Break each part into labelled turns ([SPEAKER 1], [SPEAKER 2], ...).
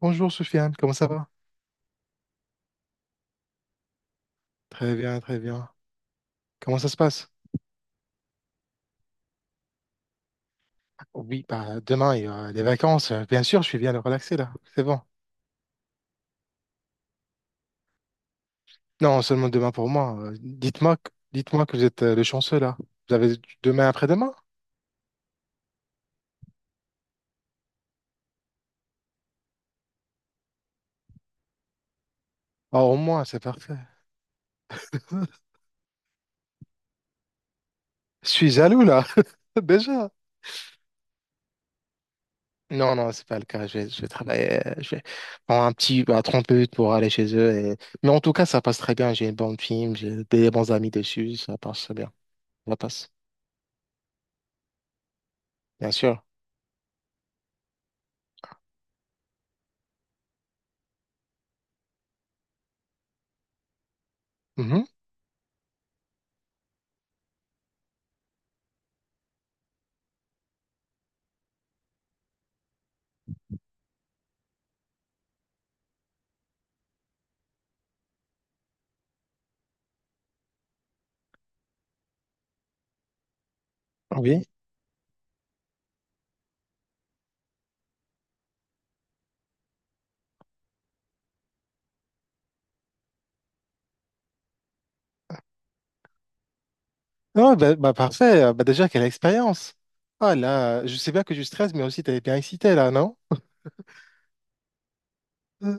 [SPEAKER 1] Bonjour Soufiane, comment ça va? Très bien, très bien. Comment ça se passe? Oui, bah demain il y a les vacances. Bien sûr, je suis bien le relaxer là. C'est bon. Non, seulement demain pour moi. Dites-moi, dites-moi que vous êtes le chanceux là. Vous avez demain après-demain? Oh, au moins, c'est parfait. Je suis jaloux là, déjà. Non, non, c'est pas le cas. Je vais travailler. Je vais prendre un petit bah, 30 minutes pour aller chez eux. Mais en tout cas, ça passe très bien. J'ai une bonne film, j'ai des bons amis dessus. Ça passe bien. Ça passe, bien sûr. Mhm. Oui. Non, bah, bah, parfait. Bah, déjà, quelle expérience. Ah là, je sais bien que je stresse, mais aussi, t'avais bien excité là, non? Mm.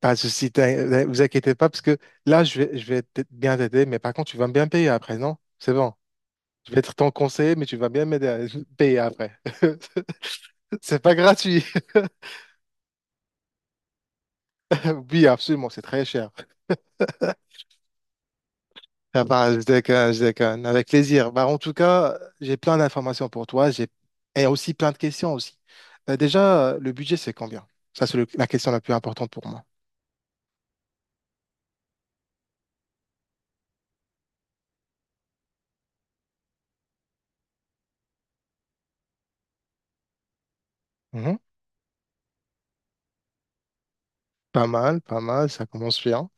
[SPEAKER 1] Pas de souci, vous inquiétez pas, parce que là, je vais bien t'aider, mais par contre, tu vas me bien payer après, non? C'est bon. Je vais être ton conseiller, mais tu vas bien m'aider à payer après. C'est pas gratuit. Oui, absolument, c'est très cher. Ça va, je déconne, je déconne. Avec plaisir. Bah, en tout cas, j'ai plein d'informations pour toi. J'ai et aussi plein de questions aussi. Le budget, c'est combien? Ça, c'est la question la plus importante pour moi. Mhm. Pas mal, pas mal. Ça commence bien.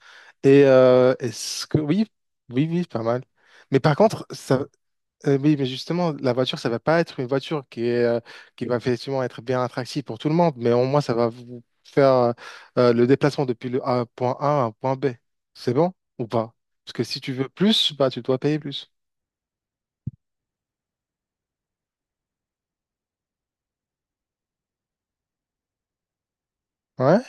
[SPEAKER 1] Et est-ce que oui, oui, oui, pas mal. Mais par contre, ça, oui, mais justement, la voiture, ça va pas être une voiture qui est, qui va effectivement être bien attractive pour tout le monde, mais au moins, ça va vous faire le déplacement depuis le point A à un point B. C'est bon ou pas? Parce que si tu veux plus, bah, tu dois payer plus. Ouais.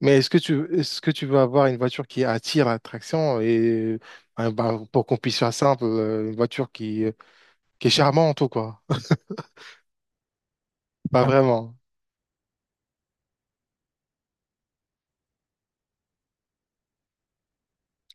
[SPEAKER 1] Mais est-ce que tu veux avoir une voiture qui attire l'attraction et bah, pour qu'on puisse faire simple, une voiture qui qui est charmante ou quoi? Pas vraiment.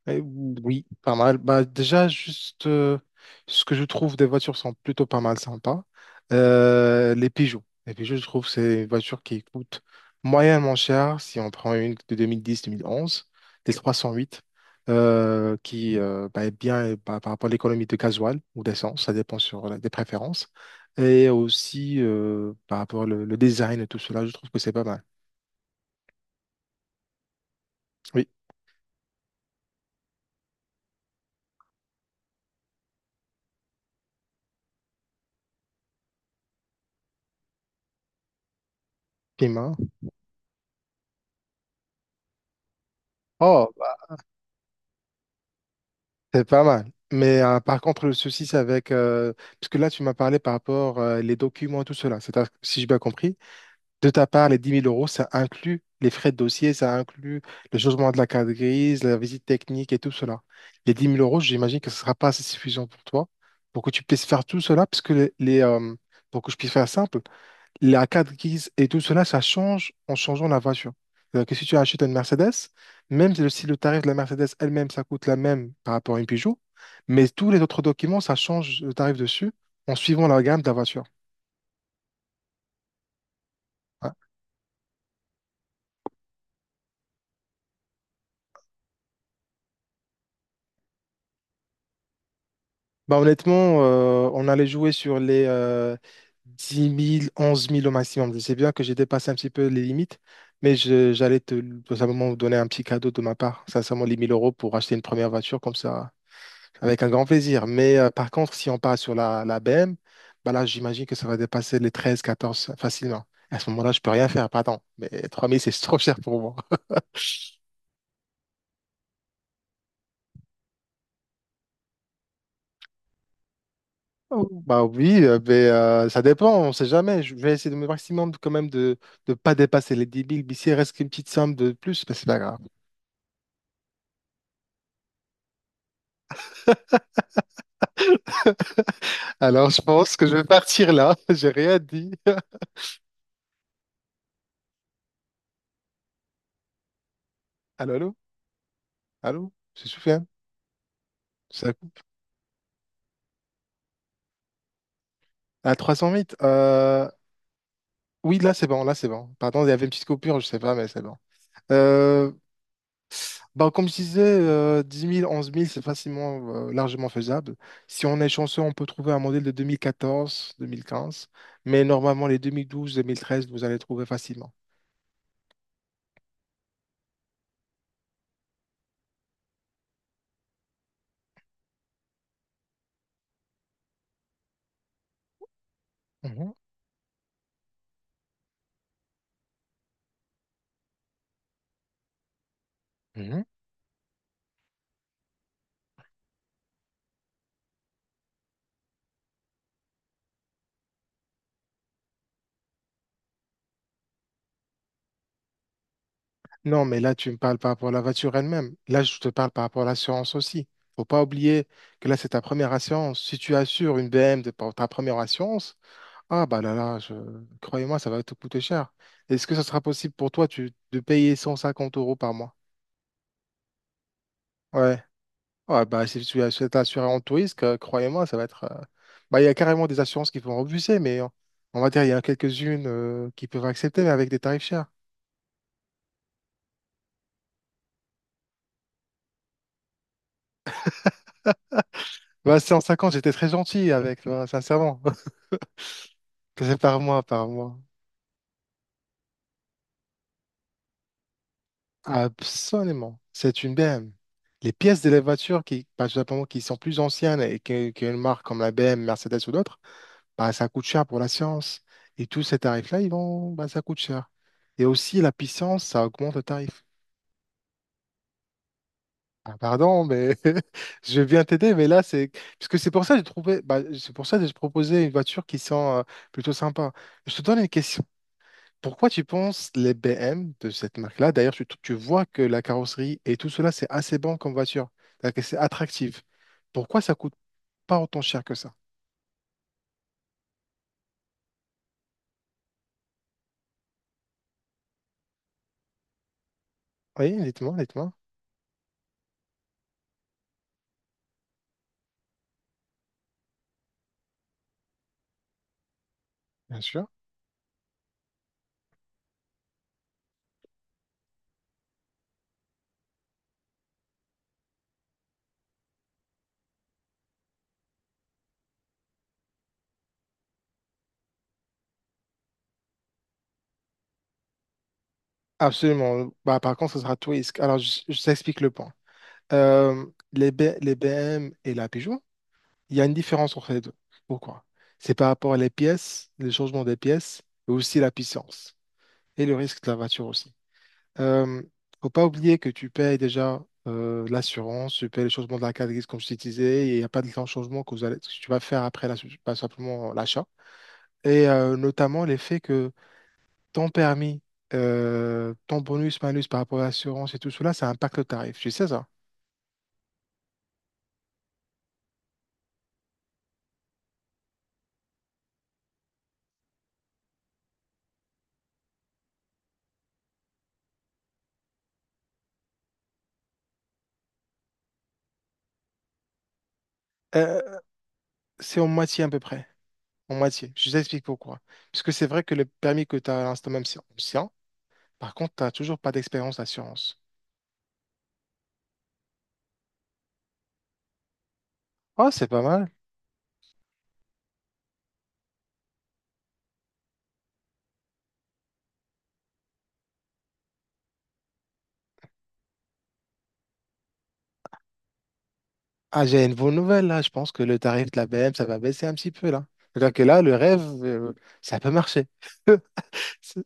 [SPEAKER 1] Eh oui, pas mal. Bah, déjà, juste ce que je trouve des voitures sont plutôt pas mal sympas. Les Peugeot. Les Peugeot, je trouve, c'est une voiture qui coûte moyennement cher si on prend une de 2010-2011, des 308, qui bah, est bien par rapport à l'économie de gasoil ou d'essence, ça dépend sur des préférences. Et aussi par rapport au le design et tout cela, je trouve que c'est pas mal. Oui. Piment. Oh, bah, c'est pas mal. Mais par contre, le souci, c'est avec parce que là, tu m'as parlé par rapport les documents et tout cela. C'est-à-dire, si j'ai bien compris, de ta part, les 10 000 euros, ça inclut les frais de dossier, ça inclut le changement de la carte grise, la visite technique et tout cela. Les 10 000 euros, j'imagine que ce ne sera pas assez suffisant pour toi pour que tu puisses faire tout cela, parce que pour que je puisse faire simple, la carte grise et tout cela, ça change en changeant la voiture. C'est-à-dire que si tu achètes une Mercedes, même si si le tarif de la Mercedes elle-même, ça coûte la même par rapport à une Peugeot, mais tous les autres documents, ça change le tarif dessus en suivant la gamme de la voiture. Bah honnêtement, on allait jouer sur les 10 000, 11 000 au maximum. Je sais bien que j'ai dépassé un petit peu les limites, mais j'allais te tout simplement vous donner un petit cadeau de ma part, sincèrement les 1 000 euros pour acheter une première voiture comme ça, avec un grand plaisir. Mais par contre, si on part sur la BM, bah là, j'imagine que ça va dépasser les 13, 14 facilement. À ce moment-là, je peux rien faire, pardon, mais 3 000, c'est trop cher pour moi. Oh, bah oui, ça dépend, on sait jamais. Je vais essayer de me maximum quand même de ne pas dépasser les 10 000. Mais s'il reste une petite somme de plus, bah, c'est pas grave. Alors je pense que je vais partir là. J'ai rien dit. Allô, allô? Allô? J'ai Soufiane? Ça coupe À 308? Oui, là c'est bon, là c'est bon. Pardon, il y avait une petite coupure, je sais pas, mais c'est bon. Euh, Bah, comme je disais, 10 000, 11 000, c'est facilement, largement faisable. Si on est chanceux, on peut trouver un modèle de 2014 deux mille quinze, mais normalement, les 2012 2013 vous allez trouver facilement. Mhm, mhm. Non, mais là, tu me parles par rapport à la voiture elle-même. Là, je te parle par rapport à l'assurance aussi. Faut pas oublier que là, c'est ta première assurance. Si tu assures une BM de pour ta première assurance, ah bah là là, je... croyez-moi, ça va te coûter cher. Est-ce que ça sera possible pour toi de payer 150 euros par mois? Ouais. Ouais, bah si si t'es assuré en tout risque, croyez-moi, ça va être. Bah, il y a carrément des assurances qui vont refuser, mais on va dire il y a quelques-unes qui peuvent accepter, mais avec des tarifs chers. Bah, 150, j'étais très gentil avec, tu vois, sincèrement. C'est par moi, par moi. Absolument. C'est une BM. Les pièces de la voiture qui, tout simplement, qui sont plus anciennes et une marque comme la BM, Mercedes ou d'autres, bah, ça coûte cher pour la science. Et tous ces tarifs-là, ça coûte cher. Et aussi, la puissance, ça augmente le tarif. Ah, pardon, mais je viens t'aider, mais là, c'est... Parce que c'est pour ça que j'ai trouvé... bah, c'est pour ça que j'ai proposé une voiture qui sent plutôt sympa. Je te donne une question. Pourquoi tu penses les BM de cette marque-là? D'ailleurs, tu vois que la carrosserie et tout cela, c'est assez bon comme voiture. C'est-à-dire que c'est attractif. Pourquoi ça coûte pas autant cher que ça? Oui, dites-moi, dites-moi, bien sûr. Absolument. Bah, par contre, ce sera twist. Alors, je t'explique le point. Euh, les BM et la Peugeot, il y a une différence entre les deux. Pourquoi? C'est par rapport à les pièces, les changements des pièces, et aussi la puissance et le risque de la voiture aussi. Euh, faut pas oublier que tu payes déjà l'assurance, tu payes le changement de la carte grise comme je t'ai disais, et il n'y a pas de grand changement que, que tu vas faire après pas simplement l'achat. Et notamment l'effet que ton permis, ton bonus, malus par rapport à l'assurance et tout cela, ça impacte le tarif. Tu sais ça? Euh, c'est en moitié à peu près. En moitié. Je t'explique pourquoi. Parce que c'est vrai que le permis que tu as à l'instant, même si c'est ancien, par contre, t'as toujours pas d'expérience d'assurance. Oh, c'est pas mal. Ah, j'ai une bonne nouvelle là. Je pense que le tarif de la BM, ça va baisser un petit peu là. C'est-à-dire que là, le rêve, ça peut marcher. C'est-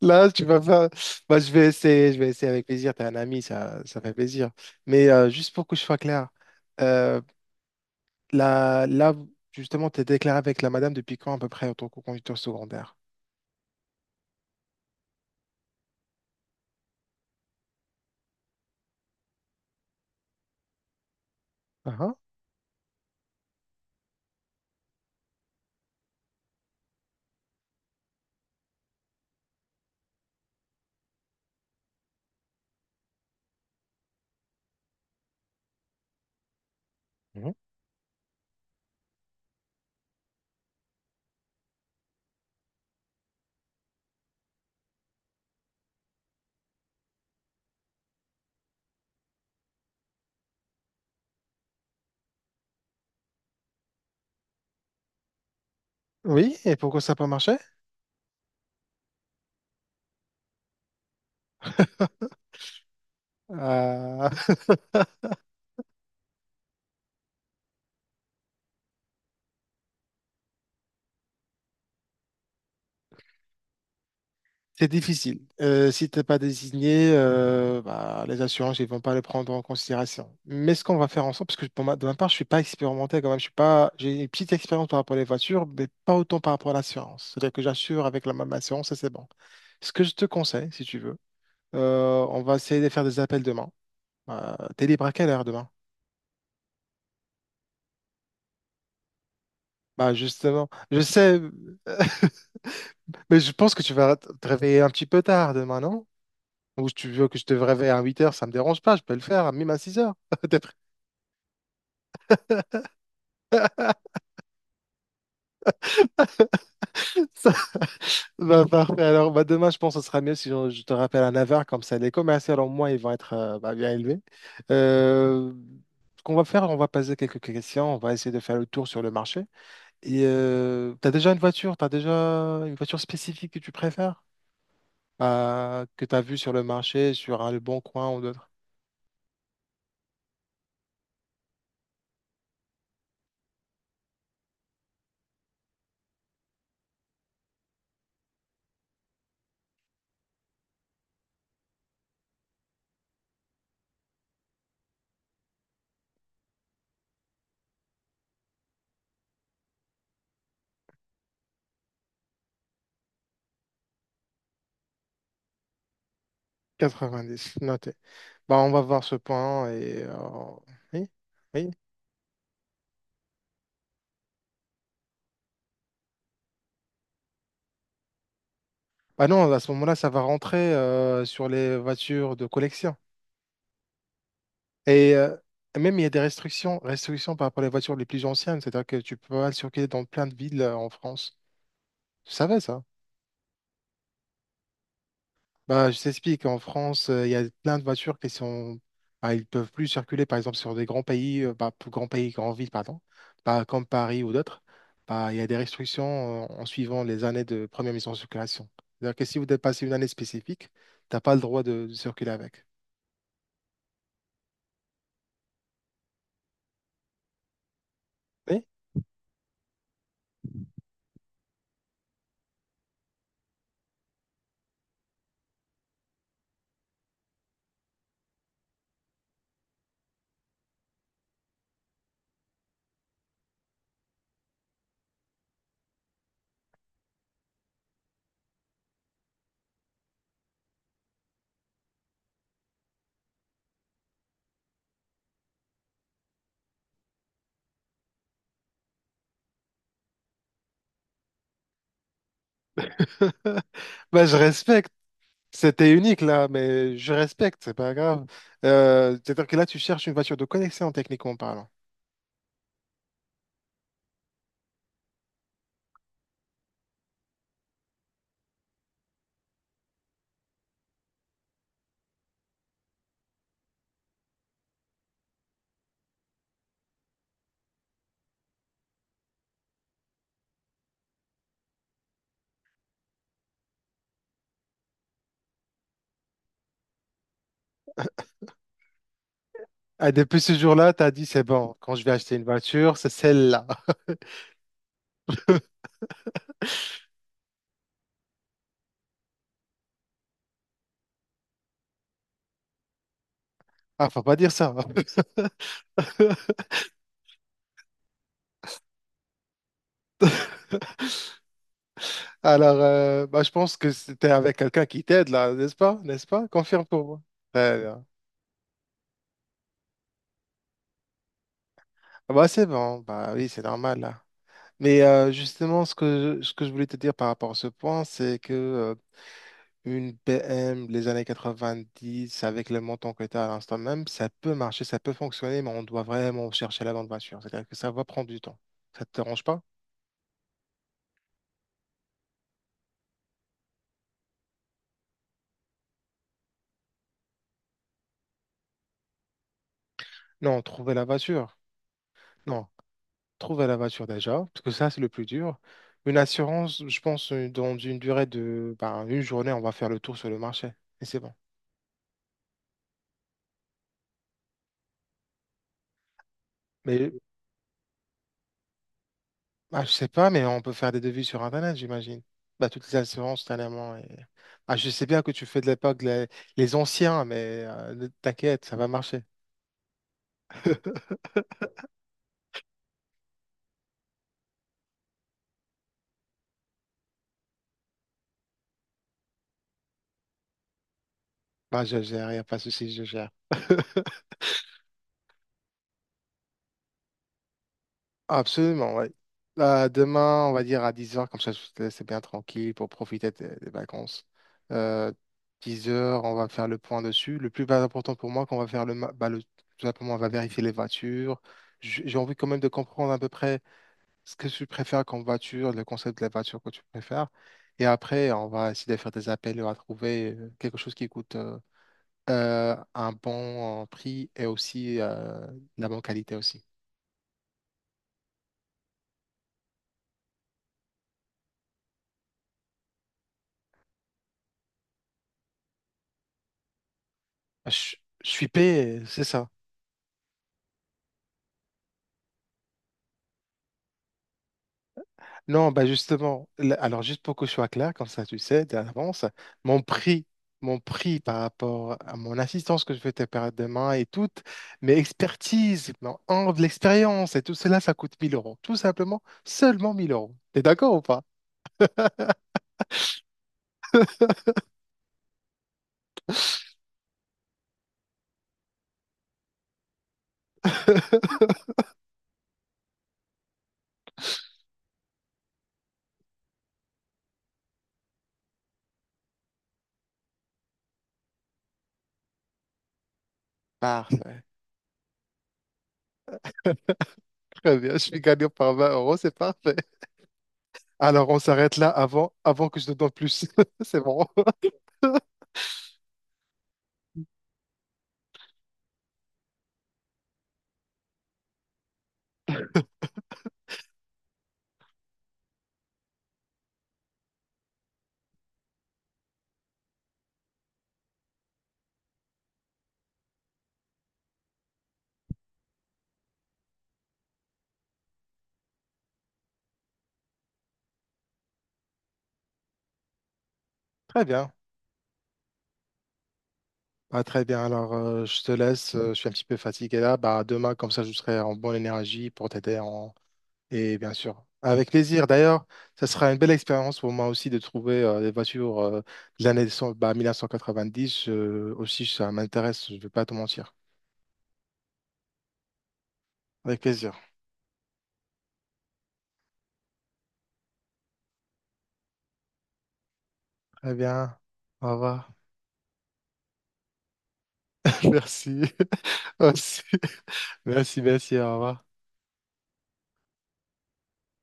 [SPEAKER 1] Là, tu vas faire. Bah, je vais essayer avec plaisir. T'es un ami, ça fait plaisir. Mais juste pour que je sois clair, euh, là, justement, t'es déclaré avec la madame depuis quand à peu près en tant que conducteur secondaire? Ah, ah. Mhm. Oui, et pourquoi ça n'a pas marché? Ah. C'est difficile. Si t'es pas désigné, bah, les assurances, ils vont pas le prendre en considération. Mais ce qu'on va faire ensemble, parce que pour de ma part, je suis pas expérimenté quand même. Je suis pas, j'ai une petite expérience par rapport aux voitures, mais pas autant par rapport à l'assurance. C'est-à-dire que j'assure avec la même assurance et c'est bon. Ce que je te conseille, si tu veux, on va essayer de faire des appels demain. T'es libre à quelle heure demain? Bah justement, je sais, mais je pense que tu vas te réveiller un petit peu tard demain, non? Ou si tu veux que je te réveille à 8 heures, ça me dérange pas, je peux le faire, même à 6 heures. T'es prêt Bah, parfait. Alors, bah, demain, je pense que ce sera mieux si je te rappelle à 9 heures comme ça, les commerciaux, au moins, ils vont être bah, bien élevés. Euh, ce qu'on va faire, on va poser quelques questions, on va essayer de faire le tour sur le marché. Et tu as déjà une voiture, tu as déjà une voiture spécifique que tu préfères, que tu as vue sur le marché, sur un Le Bon Coin ou d'autres? 90, noté. Bah, on va voir ce point oui, oui. Bah non, à ce moment-là, ça va rentrer sur les voitures de collection. Et euh, même, il y a des restrictions, restrictions par rapport aux voitures les plus anciennes. C'est-à-dire que tu peux pas circuler dans plein de villes en France. Tu savais ça? Bah, je t'explique. En France, il y a plein de voitures qui sont… bah, ils peuvent plus circuler, par exemple, sur des grands pays, bah, pour grands pays, grandes villes, pardon, bah, comme Paris ou d'autres. Bah, il y a des restrictions en suivant les années de première mise en circulation. C'est-à-dire que si vous dépassez une année spécifique, tu n'as pas le droit de circuler avec. Oui. Bah, je respecte. C'était unique là, mais je respecte, c'est pas grave. C'est-à-dire que là, tu cherches une voiture de collection, techniquement parlant. Ah, depuis ce jour-là, t'as dit, c'est bon, quand je vais acheter une voiture, c'est celle-là. Ah, faut pas dire ça. Alors, je pense que c'était avec quelqu'un qui t'aide là, n'est-ce pas? N'est-ce pas? Confirme pour moi. Très bien. Ah, bah, c'est bon, bah oui, c'est normal là. Mais justement, ce que je voulais te dire par rapport à ce point, c'est que une PM, les années 90, avec le montant que tu as à l'instant même, ça peut marcher, ça peut fonctionner, mais on doit vraiment chercher la bonne voiture. C'est-à-dire que ça va prendre du temps. Ça te dérange pas? Non, trouver la voiture. Non, trouver la voiture déjà, parce que ça, c'est le plus dur. Une assurance, je pense, dans une durée de bah, une journée, on va faire le tour sur le marché. Et c'est bon. Mais bah, je sais pas, mais on peut faire des devis sur Internet, j'imagine. Bah, toutes les assurances, dernièrement. Et… Ah, je sais bien que tu fais de l'époque les anciens, mais ne t'inquiète, ça va marcher. Bah, je gère, y a pas de souci, je gère. Absolument, oui. Demain, on va dire à 10 heures comme ça, je te laisse bien tranquille pour profiter des vacances. Euh, 10 heures, on va faire le point dessus. Le plus important pour moi, qu'on va faire le, ma- bah, le- tout simplement, on va vérifier les voitures. J'ai envie quand même de comprendre à peu près ce que tu préfères comme voiture, le concept de la voiture que tu préfères. Et après, on va essayer de faire des appels et on va trouver quelque chose qui coûte un bon prix et aussi de la bonne qualité aussi. Je, je suis payé, c'est ça. Non, bah justement, alors juste pour que je sois clair, comme ça tu sais d'avance, mon prix, mon prix par rapport à mon assistance que je vais te faire demain et toutes mes expertises, mon angle, l'expérience et tout cela, ça coûte 1 000 euros. Tout simplement, seulement 1 000 euros. T'es d'accord ou pas? Parfait. Très bien, je suis gagnant par 20 euros, c'est parfait. Alors on s'arrête là avant que je te donne plus. C'est bon. Très bien. Ah, très bien, alors je te laisse, je suis un petit peu fatigué là. Bah, demain, comme ça, je serai en bonne énergie pour t'aider. En… Et bien sûr, avec plaisir. D'ailleurs, ça sera une belle expérience pour moi aussi de trouver des voitures de l'année 1990. Aussi, ça m'intéresse, je ne vais pas te mentir. Avec plaisir. Très bien, au revoir. Merci. Merci, merci, au revoir.